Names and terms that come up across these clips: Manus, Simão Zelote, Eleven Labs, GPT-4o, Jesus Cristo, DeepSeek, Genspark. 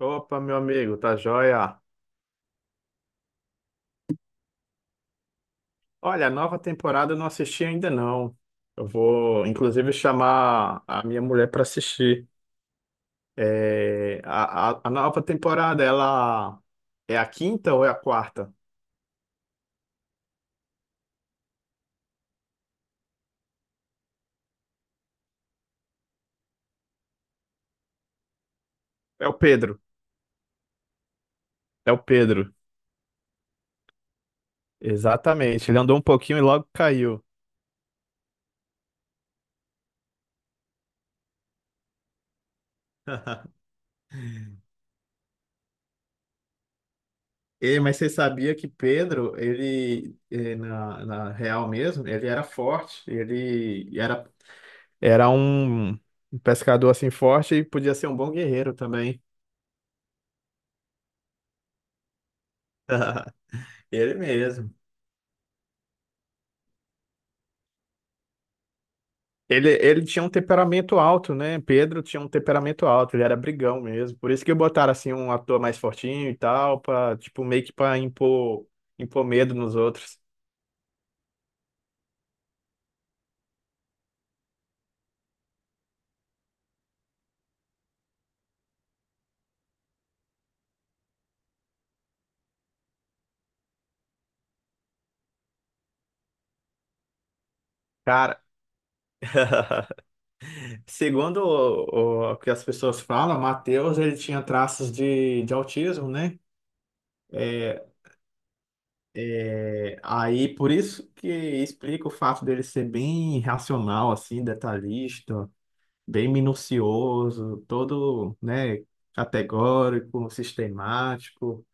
Opa, meu amigo, tá joia? Olha, a nova temporada eu não assisti ainda não. Eu vou, inclusive, chamar a minha mulher para assistir. É, a nova temporada, ela é a quinta ou é a quarta? É o Pedro. É o Pedro. Exatamente. Ele andou um pouquinho e logo caiu. E, mas você sabia que Pedro, na, na real mesmo, ele era forte, ele era Era um pescador assim forte e podia ser um bom guerreiro também. Ele mesmo. Ele tinha um temperamento alto, né? Pedro tinha um temperamento alto, ele era brigão mesmo. Por isso que botaram assim um ator mais fortinho e tal, pra, tipo, meio que pra impor medo nos outros. Cara, segundo o que as pessoas falam, Mateus ele tinha traços de autismo, né? Aí, por isso que explica o fato dele ser bem racional, assim, detalhista, bem minucioso, todo, né, categórico, sistemático.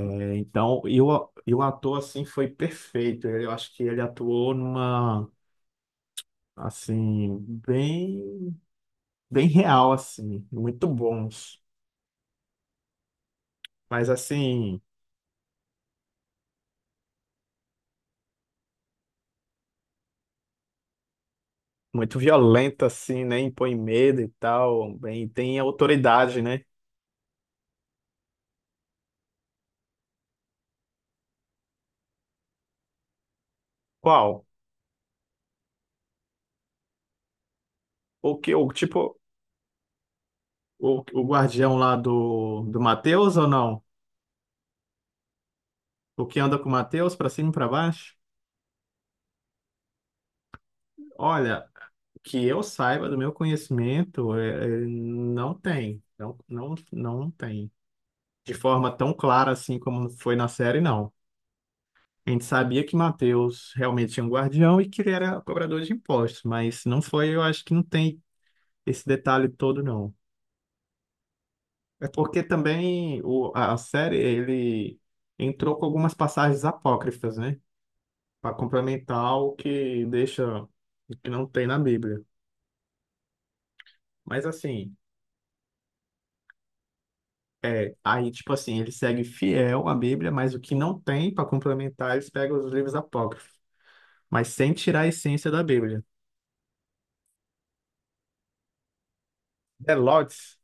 É, então, e o ator, assim, foi perfeito. Eu acho que ele atuou numa, assim, bem, bem real, assim, muito bons. Mas, assim, muito violenta assim, né, impõe medo e tal, bem, tem autoridade, né? Qual? O que, o tipo... o guardião lá do Matheus ou não? O que anda com o Matheus pra cima e pra baixo? Olha, que eu saiba do meu conhecimento, não tem. Não, não, não tem. De forma tão clara assim como foi na série, não. A gente sabia que Matheus realmente tinha um guardião e que ele era cobrador de impostos, mas não foi, eu acho que não tem esse detalhe todo, não. É porque também o, a série, ele entrou com algumas passagens apócrifas, né? Para complementar o que deixa o que não tem na Bíblia. Mas assim, aí tipo assim, ele segue fiel à Bíblia, mas o que não tem para complementar, eles pegam os livros apócrifos, mas sem tirar a essência da Bíblia. Zelotes,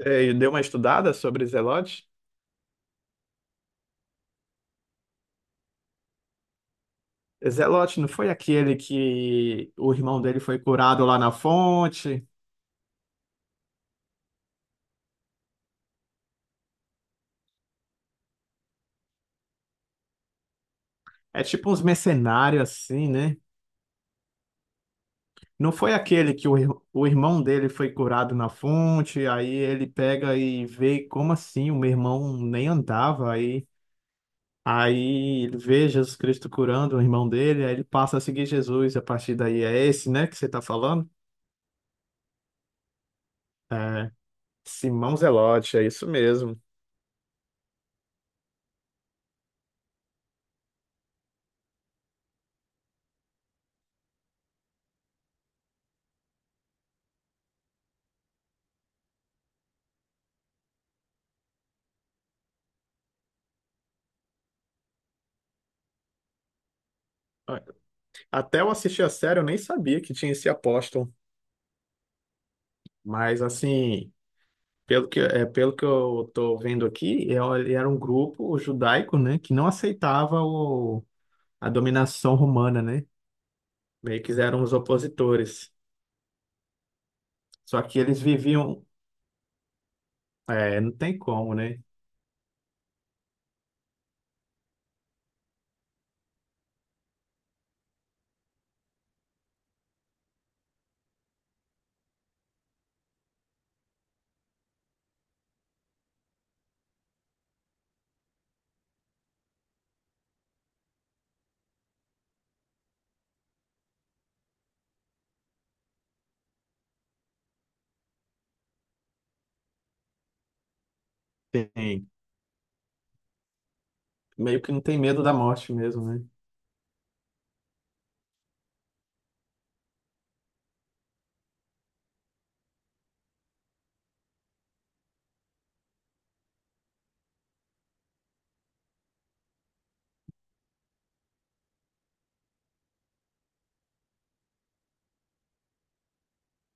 deu uma estudada sobre Zelote? Zelote não foi aquele que o irmão dele foi curado lá na fonte? É tipo uns mercenários assim, né? Não foi aquele que o irmão dele foi curado na fonte, aí ele pega e vê como assim o meu irmão nem andava, aí ele vê Jesus Cristo curando o irmão dele, aí ele passa a seguir Jesus, a partir daí é esse, né, que você tá falando? É, Simão Zelote, é isso mesmo. Até eu assistir a série, eu nem sabia que tinha esse apóstolo, mas assim, pelo que eu tô vendo aqui, ele era um grupo judaico, né, que não aceitava a dominação romana, né? Meio que eram os opositores. Só que eles viviam, não tem como, né? Tem, meio que não tem medo da morte mesmo, né?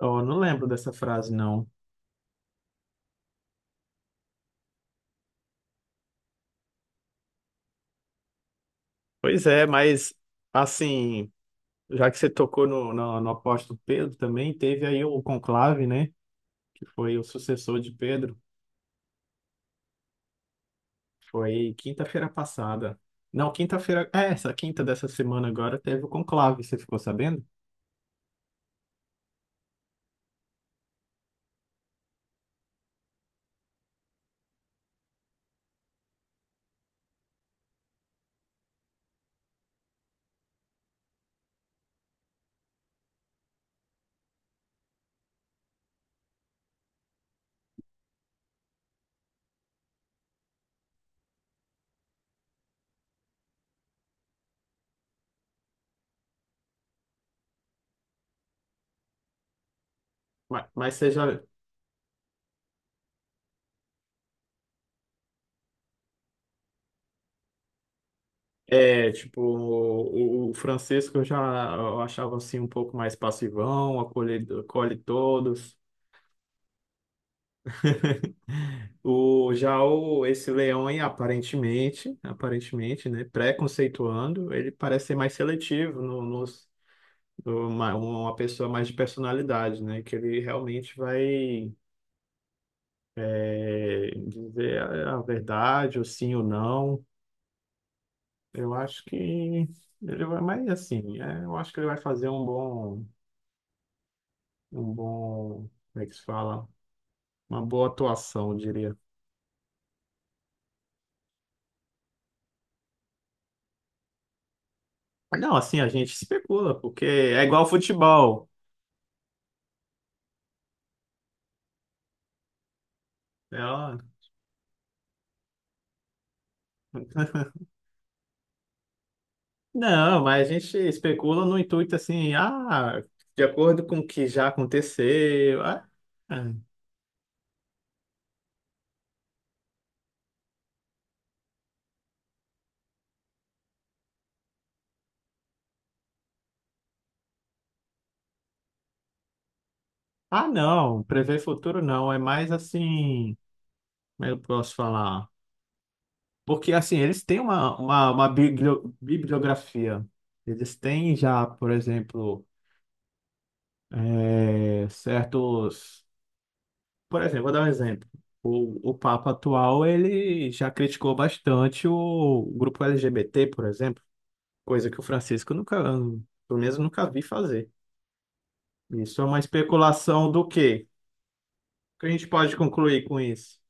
Oh, não lembro dessa frase, não. Pois é, mas assim, já que você tocou no apóstolo Pedro também, teve aí o conclave, né? Que foi o sucessor de Pedro. Foi quinta-feira passada. Não, quinta-feira, essa quinta dessa semana agora teve o conclave, você ficou sabendo? Mas você já, é, tipo, o Francisco eu achava assim um pouco mais passivão, acolhe, acolhe todos. Esse leão aí, aparentemente, aparentemente, né, preconceituando, ele parece ser mais seletivo uma pessoa mais de personalidade, né, que ele realmente vai dizer a verdade, ou sim ou não. Eu acho que ele vai mais assim, eu acho que ele vai fazer um bom, como é que se fala? Uma boa atuação, eu diria. Não, assim, a gente especula, porque é igual futebol. É, ó. Não, mas a gente especula no intuito assim, ah, de acordo com o que já aconteceu. Ah, ah, ah, não, prever futuro não, é mais assim, como eu posso falar? Porque assim, eles têm uma bibliografia. Eles têm já, por exemplo, certos. Por exemplo, vou dar um exemplo. O Papa atual, ele já criticou bastante o grupo LGBT, por exemplo, coisa que o Francisco nunca, pelo menos nunca vi fazer. Isso é uma especulação do quê? O que a gente pode concluir com isso?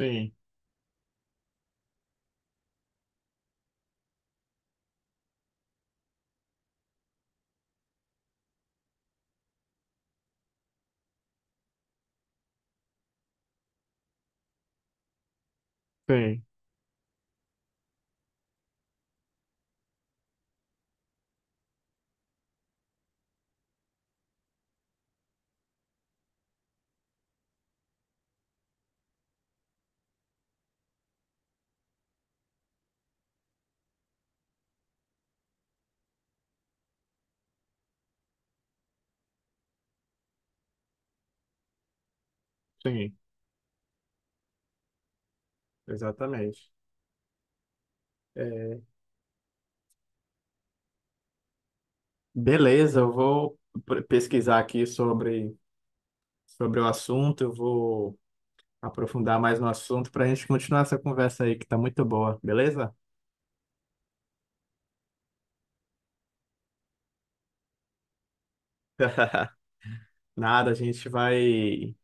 Sim, sim, sim. Exatamente. É, beleza, eu vou pesquisar aqui sobre, o assunto, eu vou aprofundar mais no assunto para a gente continuar essa conversa aí, que está muito boa, beleza? Nada, a gente vai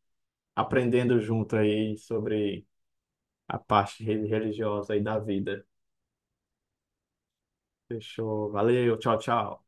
aprendendo junto aí sobre a parte religiosa aí da vida. Fechou. Valeu, tchau, tchau.